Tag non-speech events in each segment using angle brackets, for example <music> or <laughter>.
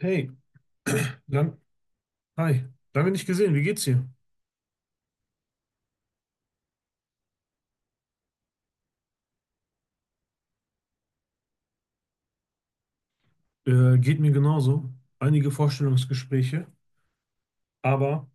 Hey, lang, hi, lange nicht gesehen, wie geht's dir? Geht mir genauso. Einige Vorstellungsgespräche, aber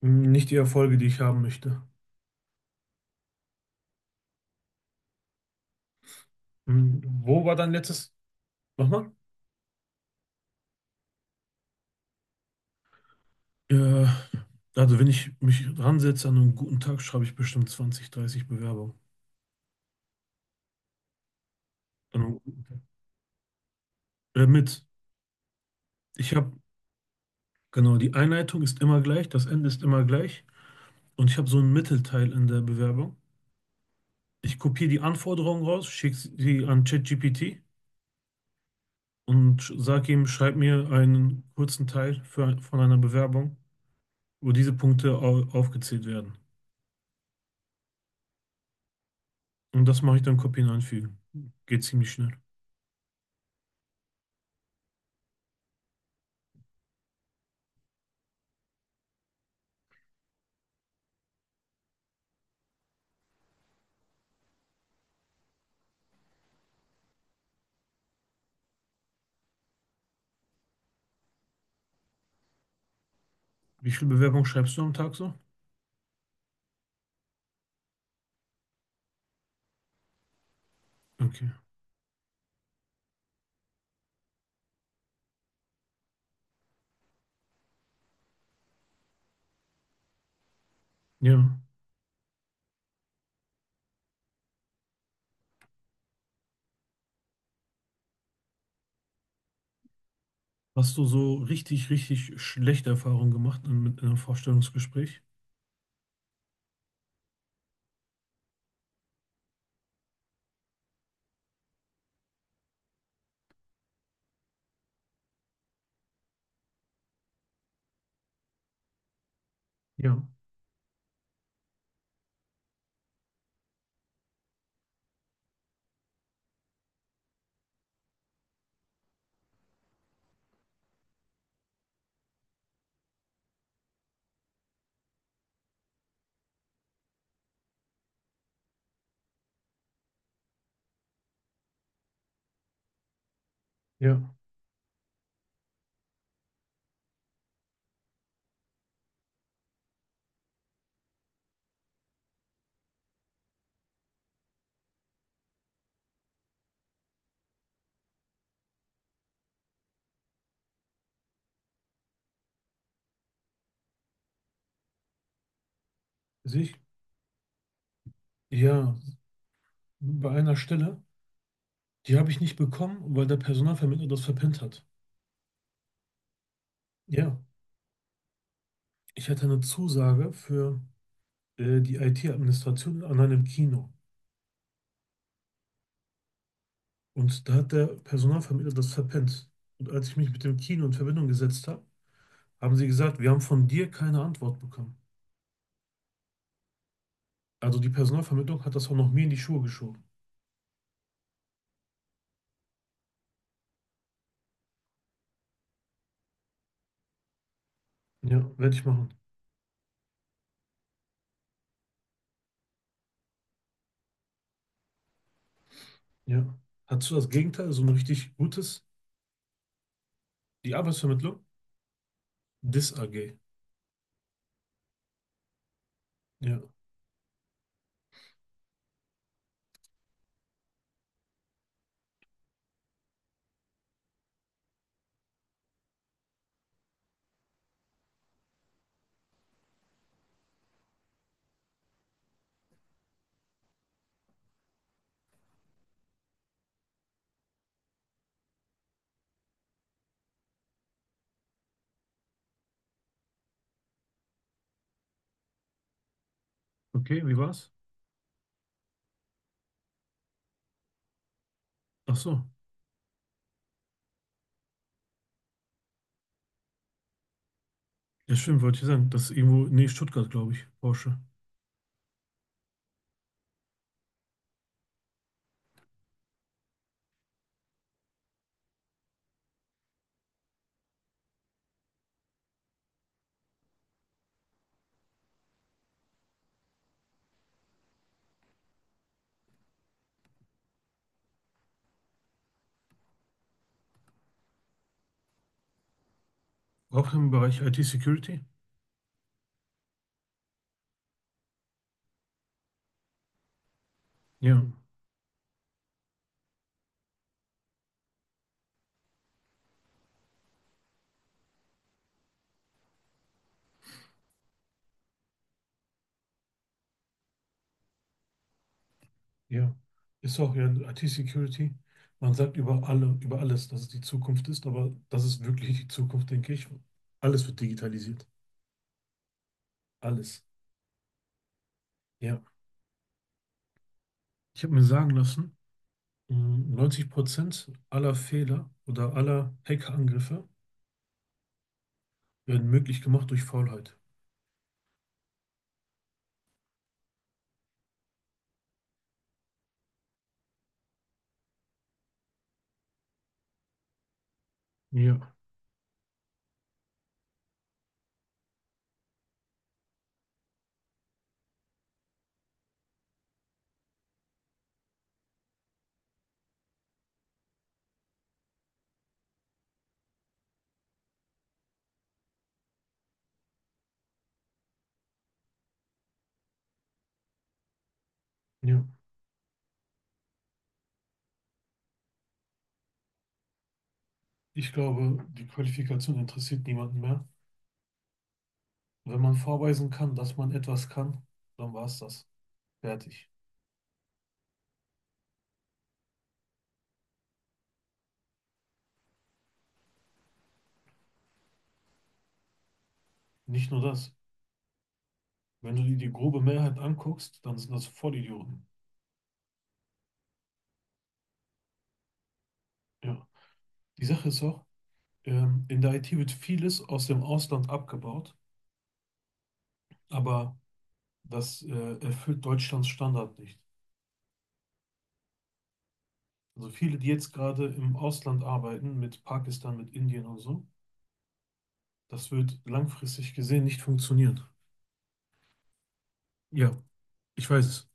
nicht die Erfolge, die ich haben möchte. Wo war dein letztes? Nochmal? Äh, also wenn ich mich ransetze an einen guten Tag, schreibe ich bestimmt 20, 30 Bewerbungen. An einem guten Tag. Äh, mit, ich habe, genau, die Einleitung ist immer gleich, das Ende ist immer gleich und ich habe so einen Mittelteil in der Bewerbung. Ich kopiere die Anforderungen raus, schicke sie an ChatGPT und sag ihm, schreib mir einen kurzen Teil für, von einer Bewerbung, wo diese Punkte aufgezählt werden. Und das mache ich dann kopieren und einfügen. Geht ziemlich schnell. Wie viele Bewerbungen schreibst du am Tag so? Okay. Ja. Hast du so richtig, richtig schlechte Erfahrungen gemacht in, mit einem Vorstellungsgespräch? Ja. Ja. Sich. Ja. Bei einer Stelle, die habe ich nicht bekommen, weil der Personalvermittler das verpennt hat. Ja. Ich hatte eine Zusage für die IT-Administration an einem Kino. Und da hat der Personalvermittler das verpennt. Und als ich mich mit dem Kino in Verbindung gesetzt habe, haben sie gesagt, wir haben von dir keine Antwort bekommen. Also die Personalvermittlung hat das auch noch mir in die Schuhe geschoben. Ja, werde ich machen. Ja. Hattest du das Gegenteil, so ein richtig gutes? Die Arbeitsvermittlung? DIS AG. Ja. Okay, wie war's? Ach so. Ja, stimmt, wollte ich sagen. Das ist irgendwo, nee, Stuttgart, glaube ich, Porsche. Auch im Bereich IT-Security? Ja. Ja, ist auch ja IT-Security. Man sagt über alle, über alles, dass es die Zukunft ist, aber das ist wirklich die Zukunft, denke ich. Alles wird digitalisiert. Alles. Ja. Ich habe mir sagen lassen, 90% aller Fehler oder aller Hackerangriffe werden möglich gemacht durch Faulheit. Ja, ja. Ich glaube, die Qualifikation interessiert niemanden mehr. Wenn man vorweisen kann, dass man etwas kann, dann war es das. Fertig. Nicht nur das. Wenn du dir die grobe Mehrheit anguckst, dann sind das Vollidioten. Ja. Die Sache ist auch, in der IT wird vieles aus dem Ausland abgebaut, aber das erfüllt Deutschlands Standard nicht. Also viele, die jetzt gerade im Ausland arbeiten, mit Pakistan, mit Indien und so, das wird langfristig gesehen nicht funktionieren. Ja, ich weiß es.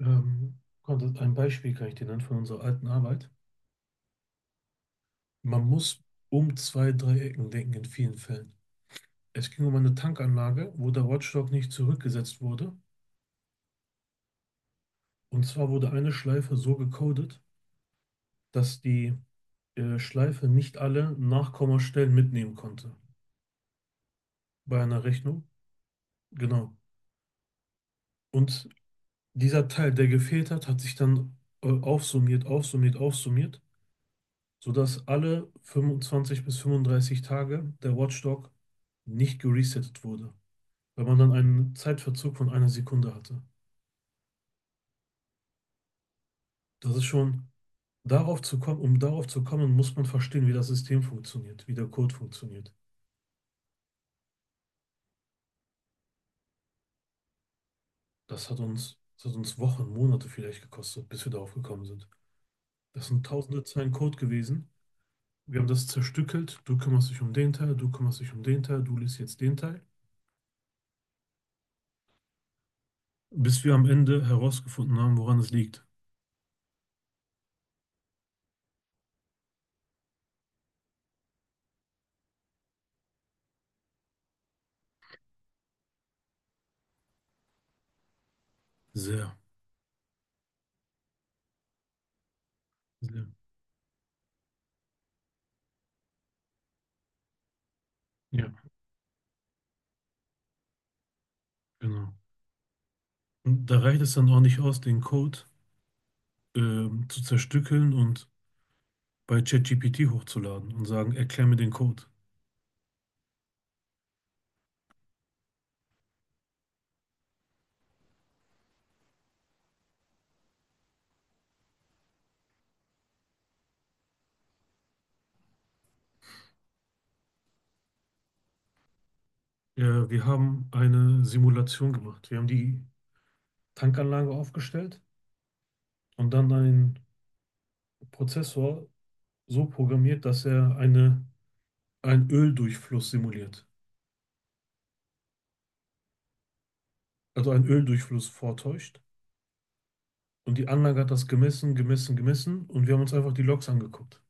Ein Beispiel kann ich dir nennen von unserer alten Arbeit. Man muss um zwei, drei Ecken denken in vielen Fällen. Es ging um eine Tankanlage, wo der Watchdog nicht zurückgesetzt wurde. Und zwar wurde eine Schleife so gecodet, dass die Schleife nicht alle Nachkommastellen mitnehmen konnte bei einer Rechnung. Genau. Und dieser Teil, der gefehlt hat, hat sich dann aufsummiert, aufsummiert, aufsummiert, sodass alle 25 bis 35 Tage der Watchdog nicht geresettet wurde, weil man dann einen Zeitverzug von einer Sekunde hatte. Das ist schon. Um darauf zu kommen, muss man verstehen, wie das System funktioniert, wie der Code funktioniert. Das hat uns Wochen, Monate vielleicht gekostet, bis wir darauf gekommen sind. Das sind tausende Zeilen Code gewesen. Wir haben das zerstückelt. Du kümmerst dich um den Teil, du kümmerst dich um den Teil, du liest jetzt den Teil. Bis wir am Ende herausgefunden haben, woran es liegt. Sehr, sehr. Ja, genau. Und da reicht es dann auch nicht aus, den Code zu zerstückeln und bei ChatGPT hochzuladen und sagen, erklär mir den Code. Ja, wir haben eine Simulation gemacht. Wir haben die Tankanlage aufgestellt und dann einen Prozessor so programmiert, dass er eine, einen Öldurchfluss simuliert. Also einen Öldurchfluss vortäuscht. Und die Anlage hat das gemessen, gemessen, gemessen und wir haben uns einfach die Logs angeguckt.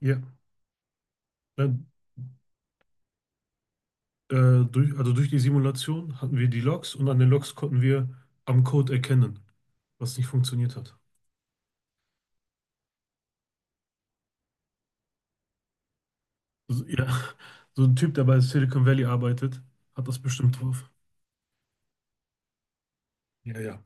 Ja. Dann, also durch die Simulation hatten wir die Logs und an den Logs konnten wir am Code erkennen, was nicht funktioniert hat. So, ja, <laughs> so ein Typ, der bei Silicon Valley arbeitet, hat das bestimmt drauf. Ja, ja,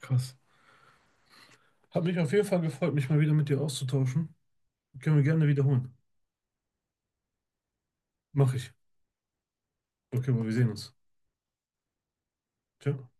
krass. Hat mich auf jeden Fall gefreut, mich mal wieder mit dir auszutauschen. Können wir gerne wiederholen. Mach ich. Okay, aber wir sehen uns. Ciao.